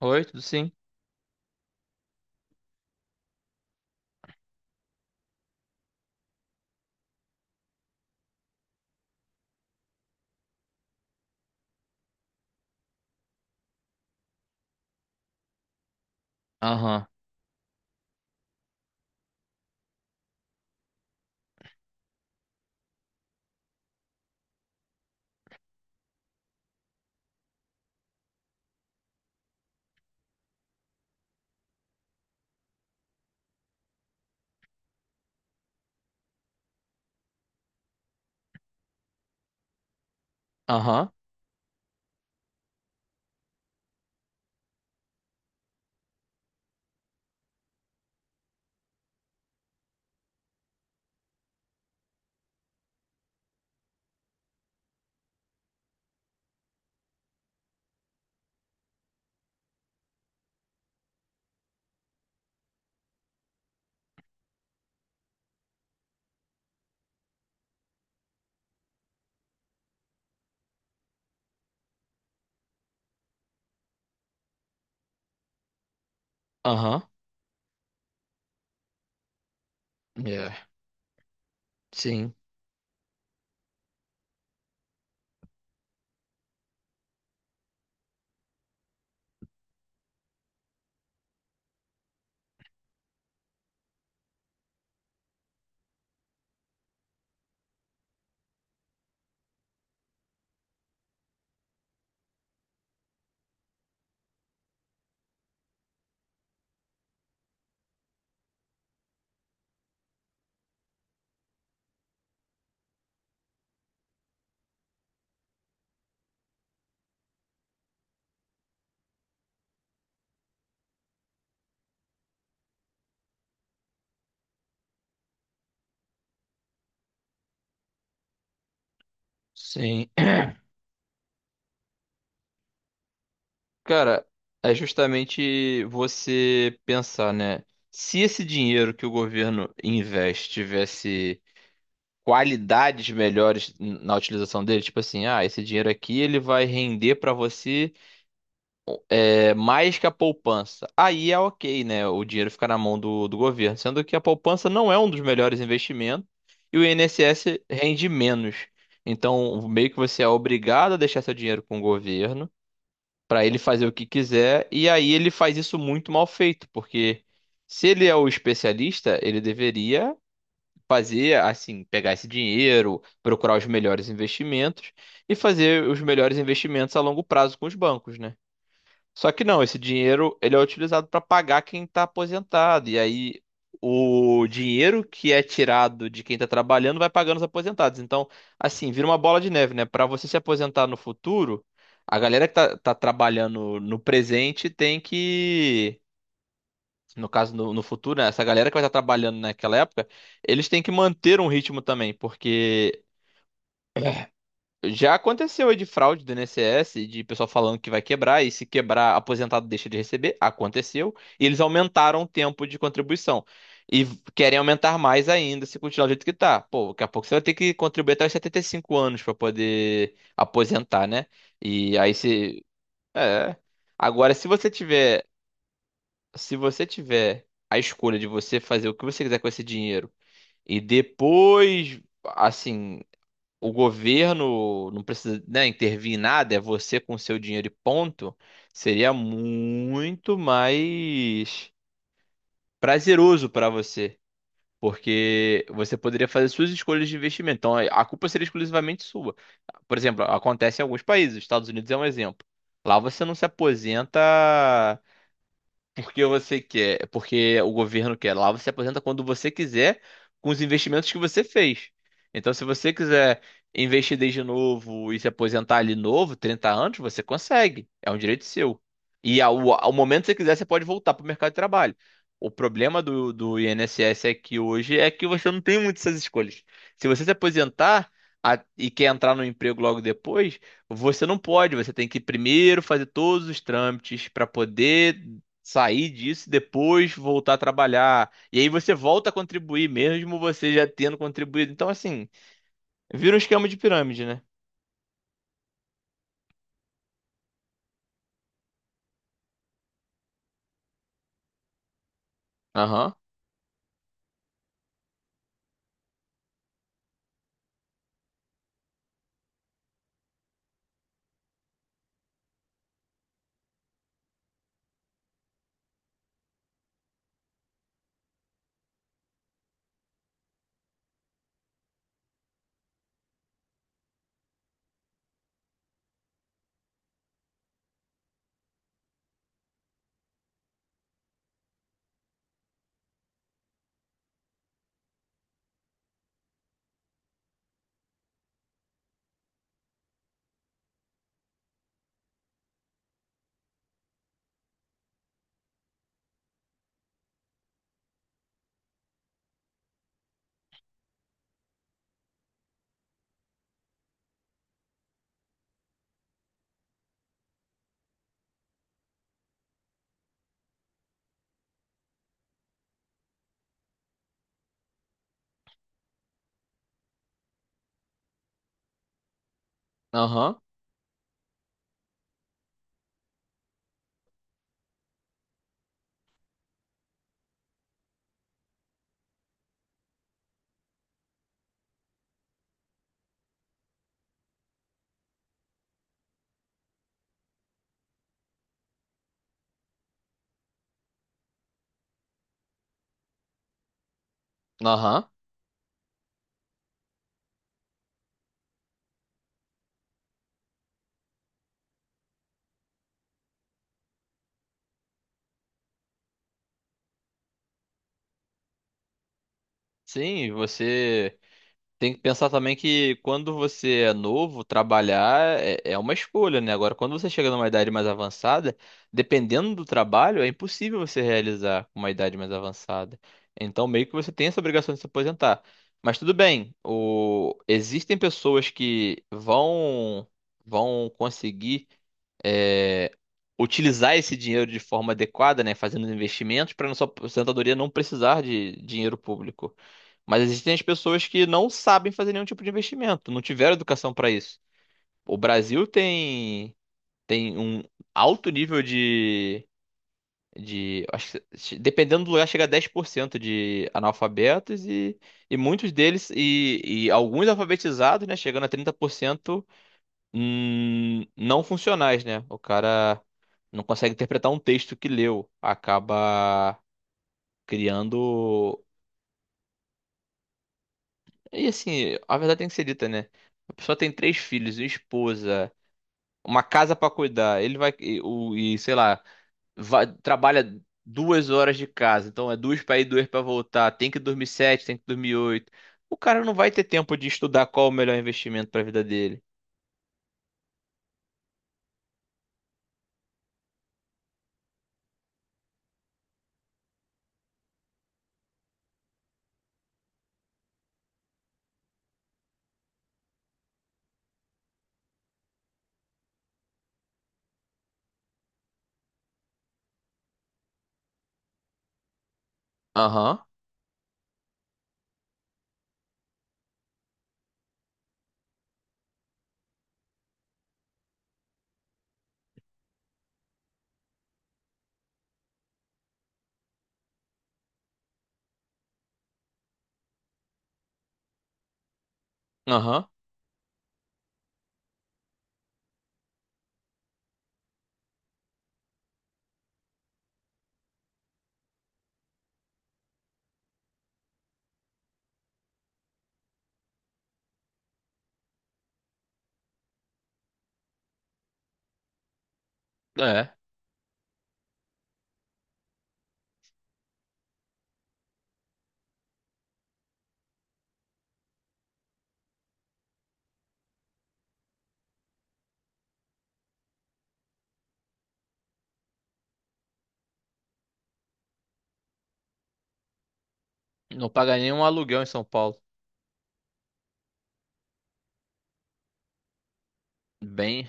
Oi, tudo sim? Aham, aham, aham. Yeah. Sim, sim. Cara, é justamente você pensar, né? Se esse dinheiro que o governo investe tivesse qualidades melhores na utilização dele, tipo assim, ah, esse dinheiro aqui ele vai render pra você. É mais que a poupança. Aí é ok, né? O dinheiro fica na mão do governo. Sendo que a poupança não é um dos melhores investimentos e o INSS rende menos. Então, meio que você é obrigado a deixar seu dinheiro com o governo para ele fazer o que quiser. E aí ele faz isso muito mal feito, porque se ele é o especialista, ele deveria fazer assim, pegar esse dinheiro, procurar os melhores investimentos e fazer os melhores investimentos a longo prazo com os bancos, né? Só que não, esse dinheiro ele é utilizado para pagar quem está aposentado. E aí o dinheiro que é tirado de quem está trabalhando vai pagando os aposentados. Então, assim, vira uma bola de neve, né? Para você se aposentar no futuro, a galera que tá trabalhando no presente tem que. No caso, no futuro, né? Essa galera que vai estar trabalhando naquela época, eles têm que manter um ritmo também, porque já aconteceu aí de fraude do INSS, de pessoal falando que vai quebrar, e se quebrar, aposentado deixa de receber. Aconteceu. E eles aumentaram o tempo de contribuição. E querem aumentar mais ainda se continuar do jeito que tá. Pô, daqui a pouco você vai ter que contribuir até os 75 anos para poder aposentar, né? E aí se. É. Agora, se você tiver. Se você tiver a escolha de você fazer o que você quiser com esse dinheiro e depois, assim, o governo não precisa, né, intervir em nada, é você com seu dinheiro e ponto, seria muito mais prazeroso para você. Porque você poderia fazer suas escolhas de investimento. Então, a culpa seria exclusivamente sua. Por exemplo, acontece em alguns países, Estados Unidos é um exemplo. Lá você não se aposenta porque você quer, porque o governo quer. Lá você se aposenta quando você quiser, com os investimentos que você fez. Então, se você quiser investir desde novo e se aposentar ali novo, 30 anos, você consegue. É um direito seu. E ao momento que você quiser, você pode voltar para o mercado de trabalho. O problema do INSS é que hoje é que você não tem muitas essas escolhas. Se você se aposentar e quer entrar no emprego logo depois, você não pode, você tem que primeiro fazer todos os trâmites para poder sair disso e depois voltar a trabalhar. E aí você volta a contribuir, mesmo você já tendo contribuído. Então, assim, vira um esquema de pirâmide, né? Aham, aham, aham. Sim, você. Tem que pensar também que quando você é novo, trabalhar é, é uma escolha, né? Agora, quando você chega numa idade mais avançada, dependendo do trabalho, é impossível você realizar com uma idade mais avançada. Então, meio que você tem essa obrigação de se aposentar. Mas tudo bem, existem pessoas que vão, conseguir é, utilizar esse dinheiro de forma adequada, né, fazendo investimentos para nossa aposentadoria não precisar de dinheiro público. Mas existem as pessoas que não sabem fazer nenhum tipo de investimento, não tiveram educação para isso. O Brasil tem um alto nível de acho que, dependendo do lugar chega a 10% de analfabetos e muitos deles e alguns alfabetizados, né, chegando a 30% não funcionais, né? O cara não consegue interpretar um texto que leu, acaba criando. E assim, a verdade tem que ser dita, né? A pessoa tem três filhos, uma esposa, uma casa pra cuidar. Ele vai sei lá, trabalha 2 horas de casa, então é duas pra ir, duas pra voltar. Tem que dormir sete, tem que dormir oito. O cara não vai ter tempo de estudar qual o melhor investimento pra vida dele. Aham, aham, é. Não paga nenhum aluguel em São Paulo. Bem,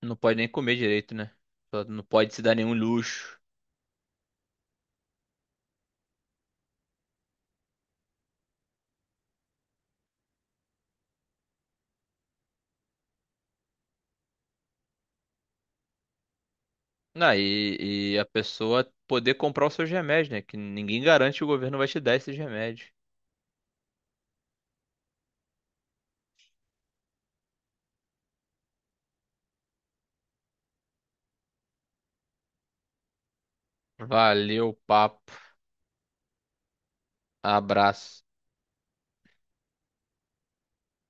não pode nem comer direito, né? Só não pode se dar nenhum luxo. Ah, e a pessoa poder comprar os seus remédios, né? Que ninguém garante que o governo vai te dar esses remédios. Valeu, papo. Abraço.